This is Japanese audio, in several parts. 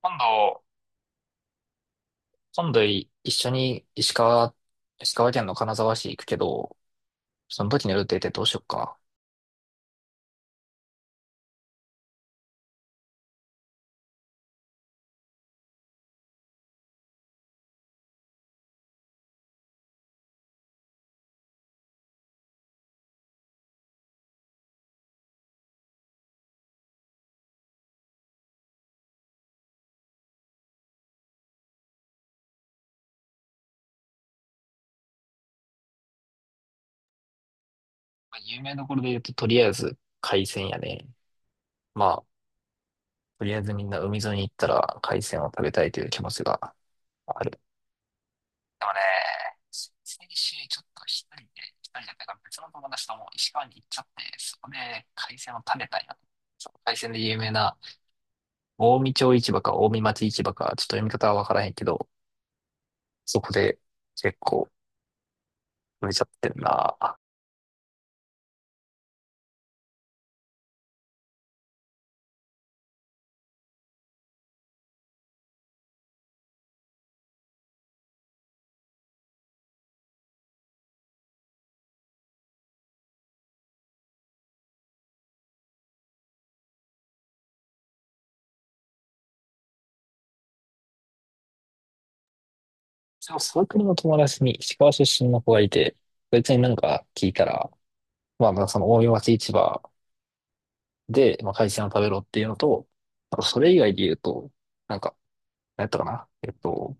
今度、今度い一緒に石川、石川県の金沢市行くけど、その時の予定ってどうしよっか。まあ有名どころで言うと、とりあえず海鮮やね。まあ、とりあえずみんな海沿いに行ったら海鮮を食べたいという気持ちがある。でもね、先週ちょっと一人で、一人じゃないか別の友達とも石川に行っちゃって、そこで海鮮を食べたいな。その海鮮で有名な、近江町市場か近江町市場か、ちょっと読み方はわからへんけど、そこで結構、めちゃってんな。でも、サークルの友達に石川出身の子がいて、そいつになんか聞いたら、まあ、まあその大井町市場で、まあ、海鮮を食べろっていうのと、あとそれ以外で言うと、なんか、何やったかな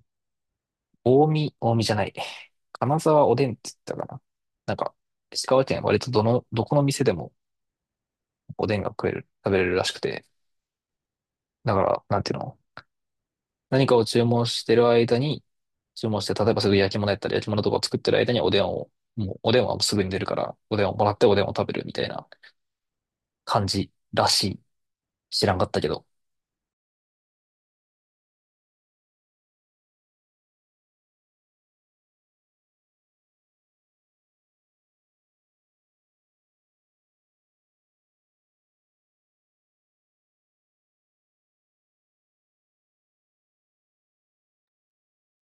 大見、大見じゃない。金沢おでんって言ったかな。なんか、石川県は割とどの、どこの店でもおでんが食える、食べれるらしくて、だから、なんていうの、何かを注文してる間に、注文して、例えばすぐ焼き物やったり、焼き物とかを作ってる間におでんを、もうおでんはもうすぐに出るから、おでんをもらっておでんを食べるみたいな感じらしい。知らんかったけど。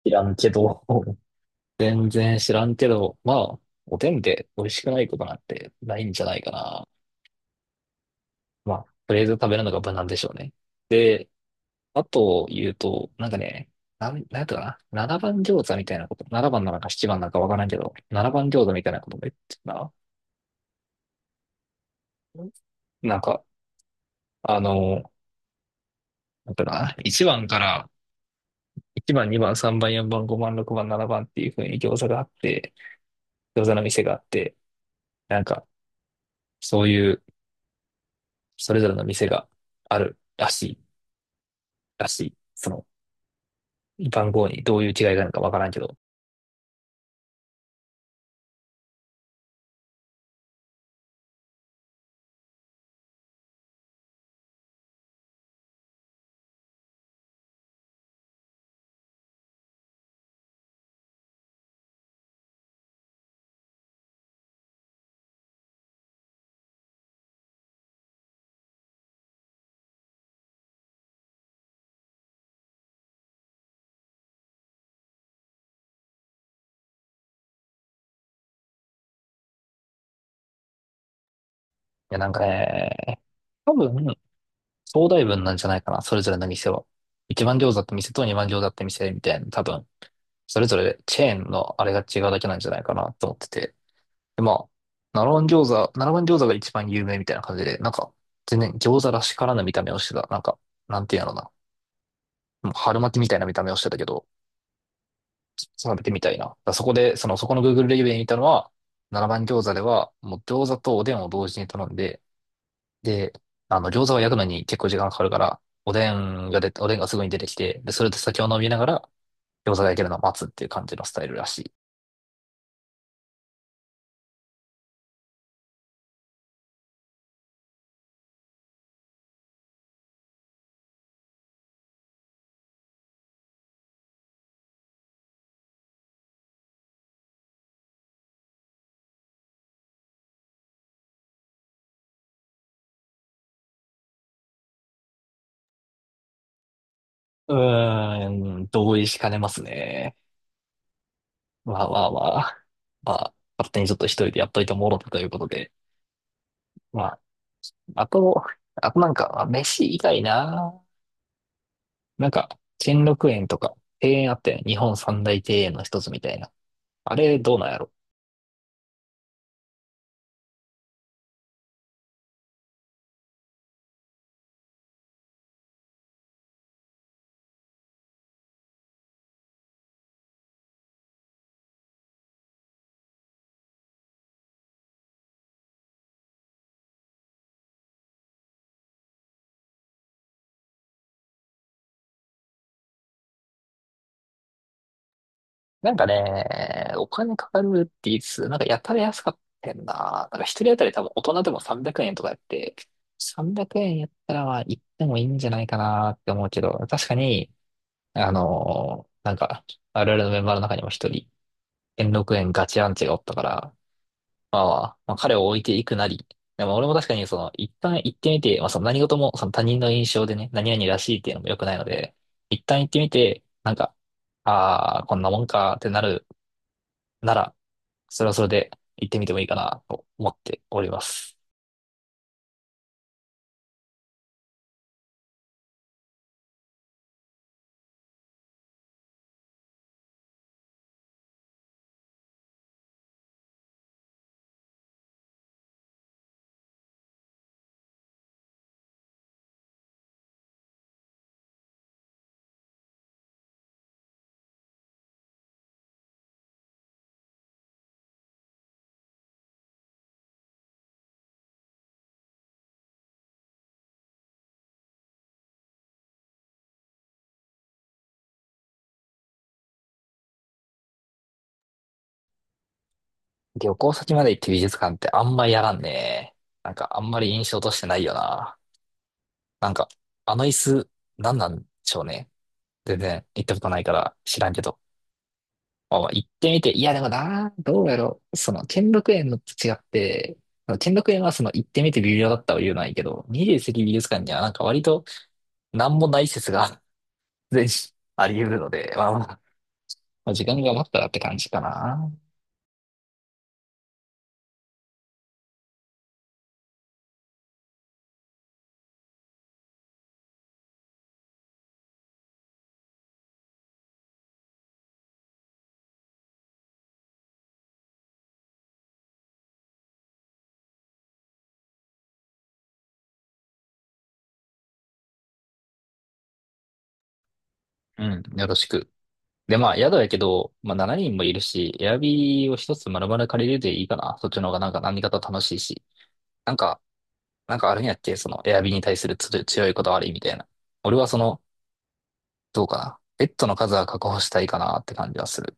知らんけど。全然知らんけど、まあ、おでんで美味しくないことなんてないんじゃないかな。まあ、とりあえず食べるのが無難でしょうね。で、あと言うと、なんかね、なんやったかな。7番餃子みたいなこと。7番なのか7番なばんなのかなななばんなのかわからんけど、7番餃子みたいなことも言ってたな。なんか、あの、だから1番、2番、3番、4番、5番、6番、7番っていう風に餃子があって、餃子の店があって、なんかそういうそれぞれの店があるらしい、らしい。その番号にどういう違いがあるのかわからんけど。いや、なんかね、多分、総代分なんじゃないかな、それぞれの店は。1番餃子って店と2番餃子って店みたいな、多分、それぞれチェーンのあれが違うだけなんじゃないかなと思ってて。で、まあ、七番餃子が一番有名みたいな感じで、なんか、全然餃子らしからぬ見た目をしてた。なんか、なんていうのかな。もう春巻きみたいな見た目をしてたけど、食べてみたいな。だからそこで、その、そこの Google レビューで見たのは、七番餃子では、もう餃子とおでんを同時に頼んで、で、あの、餃子は焼くのに結構時間がかかるから、おでんがすぐに出てきて、で、それで酒を飲みながら、餃子が焼けるのを待つっていう感じのスタイルらしい。うーん、同意しかねますね。まあまあまあ、まあ、勝手にちょっと一人でやっといてもろたということで。まあ、あと、あとなんか、まあ飯以外な。なんか、兼六園とか、庭園あったよね。日本三大庭園の一つみたいな。あれ、どうなんやろ。なんかね、お金かかるって言いつつ、なんかやたら安かったんな。なんか一人当たり多分大人でも300円とかやって、300円やったらまあ行ってもいいんじゃないかなって思うけど、確かに、なんか、我々のメンバーの中にも一人、兼六園ガチアンチがおったから、まあまあ、まあ、彼を置いていくなり、でも俺も確かにその、一旦行ってみて、まあその何事もその他人の印象でね、何々らしいっていうのも良くないので、一旦行ってみて、なんか、ああ、こんなもんかってなるなら、それはそれで行ってみてもいいかなと思っております。旅行先まで行って美術館ってあんまやらんね。なんかあんまり印象としてないよな。なんか、あの椅子、なんなんでしょうね。全然行ったことないから知らんけど。あ、行ってみて、いやでもな、どうやろう。その、兼六園のと違って、その兼六園はその、行ってみて微妙だったは言うないけど、二十世紀美術館にはなんか割と、なんもない説が 全種あり得るので、まあまあ、まあ時間が余ったらって感じかな。うん、よろしく。で、まあ、宿やけど、まあ、7人もいるし、エアビーを一つ丸々借りるでいいかな。そっちの方がなんか何かと楽しいし。なんか、なんかあるんやって、その、エアビーに対するつ強いこだわりみたいな。俺はその、どうかな。ベッドの数は確保したいかなって感じはする。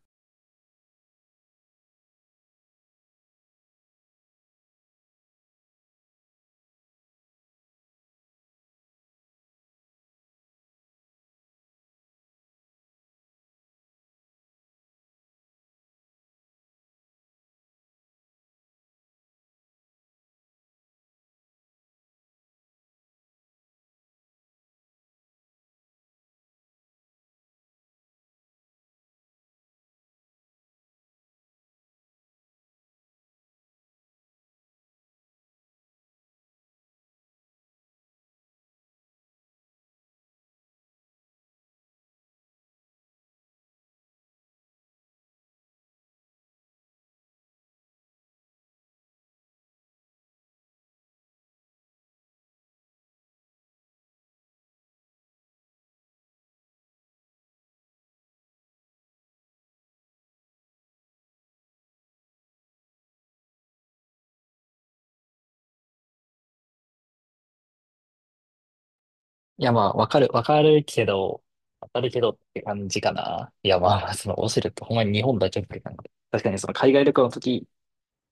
いや、まあ、わかるけどって感じかな。いや、まあ、その、オシュレってほんまに日本だけって感じ。確かにその海外旅行の時、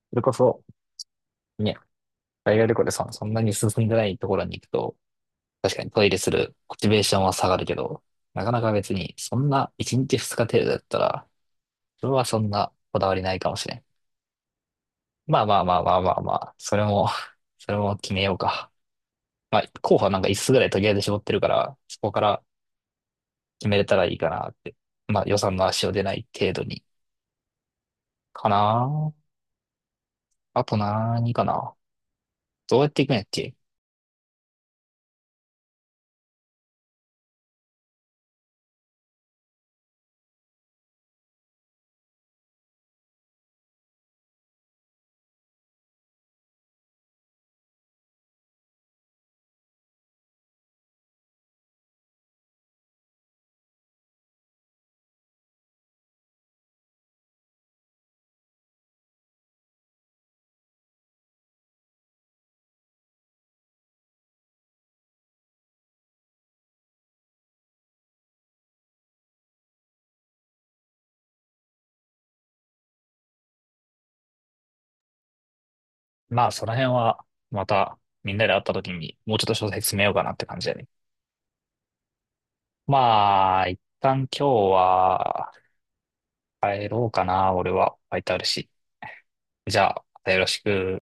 それこそ、ね、海外旅行でそそんなに進んでないところに行くと、確かにトイレするモチベーションは下がるけど、なかなか別に、そんな1日2日程度だったら、それはそんなこだわりないかもしれん。まあまあまあまあまあまあ、それも、それも決めようか。まあ、候補はなんか5つつぐらいとりあえず絞ってるから、そこから決めれたらいいかなって。まあ、予算の足を出ない程度に。かな。ああと何かな。どうやっていくんやっけ。まあ、その辺は、また、みんなで会った時に、もうちょっと詳細詰めようかなって感じだね。まあ、一旦今日は、帰ろうかな、俺は。ファイトあるし。じゃあ、またよろしく。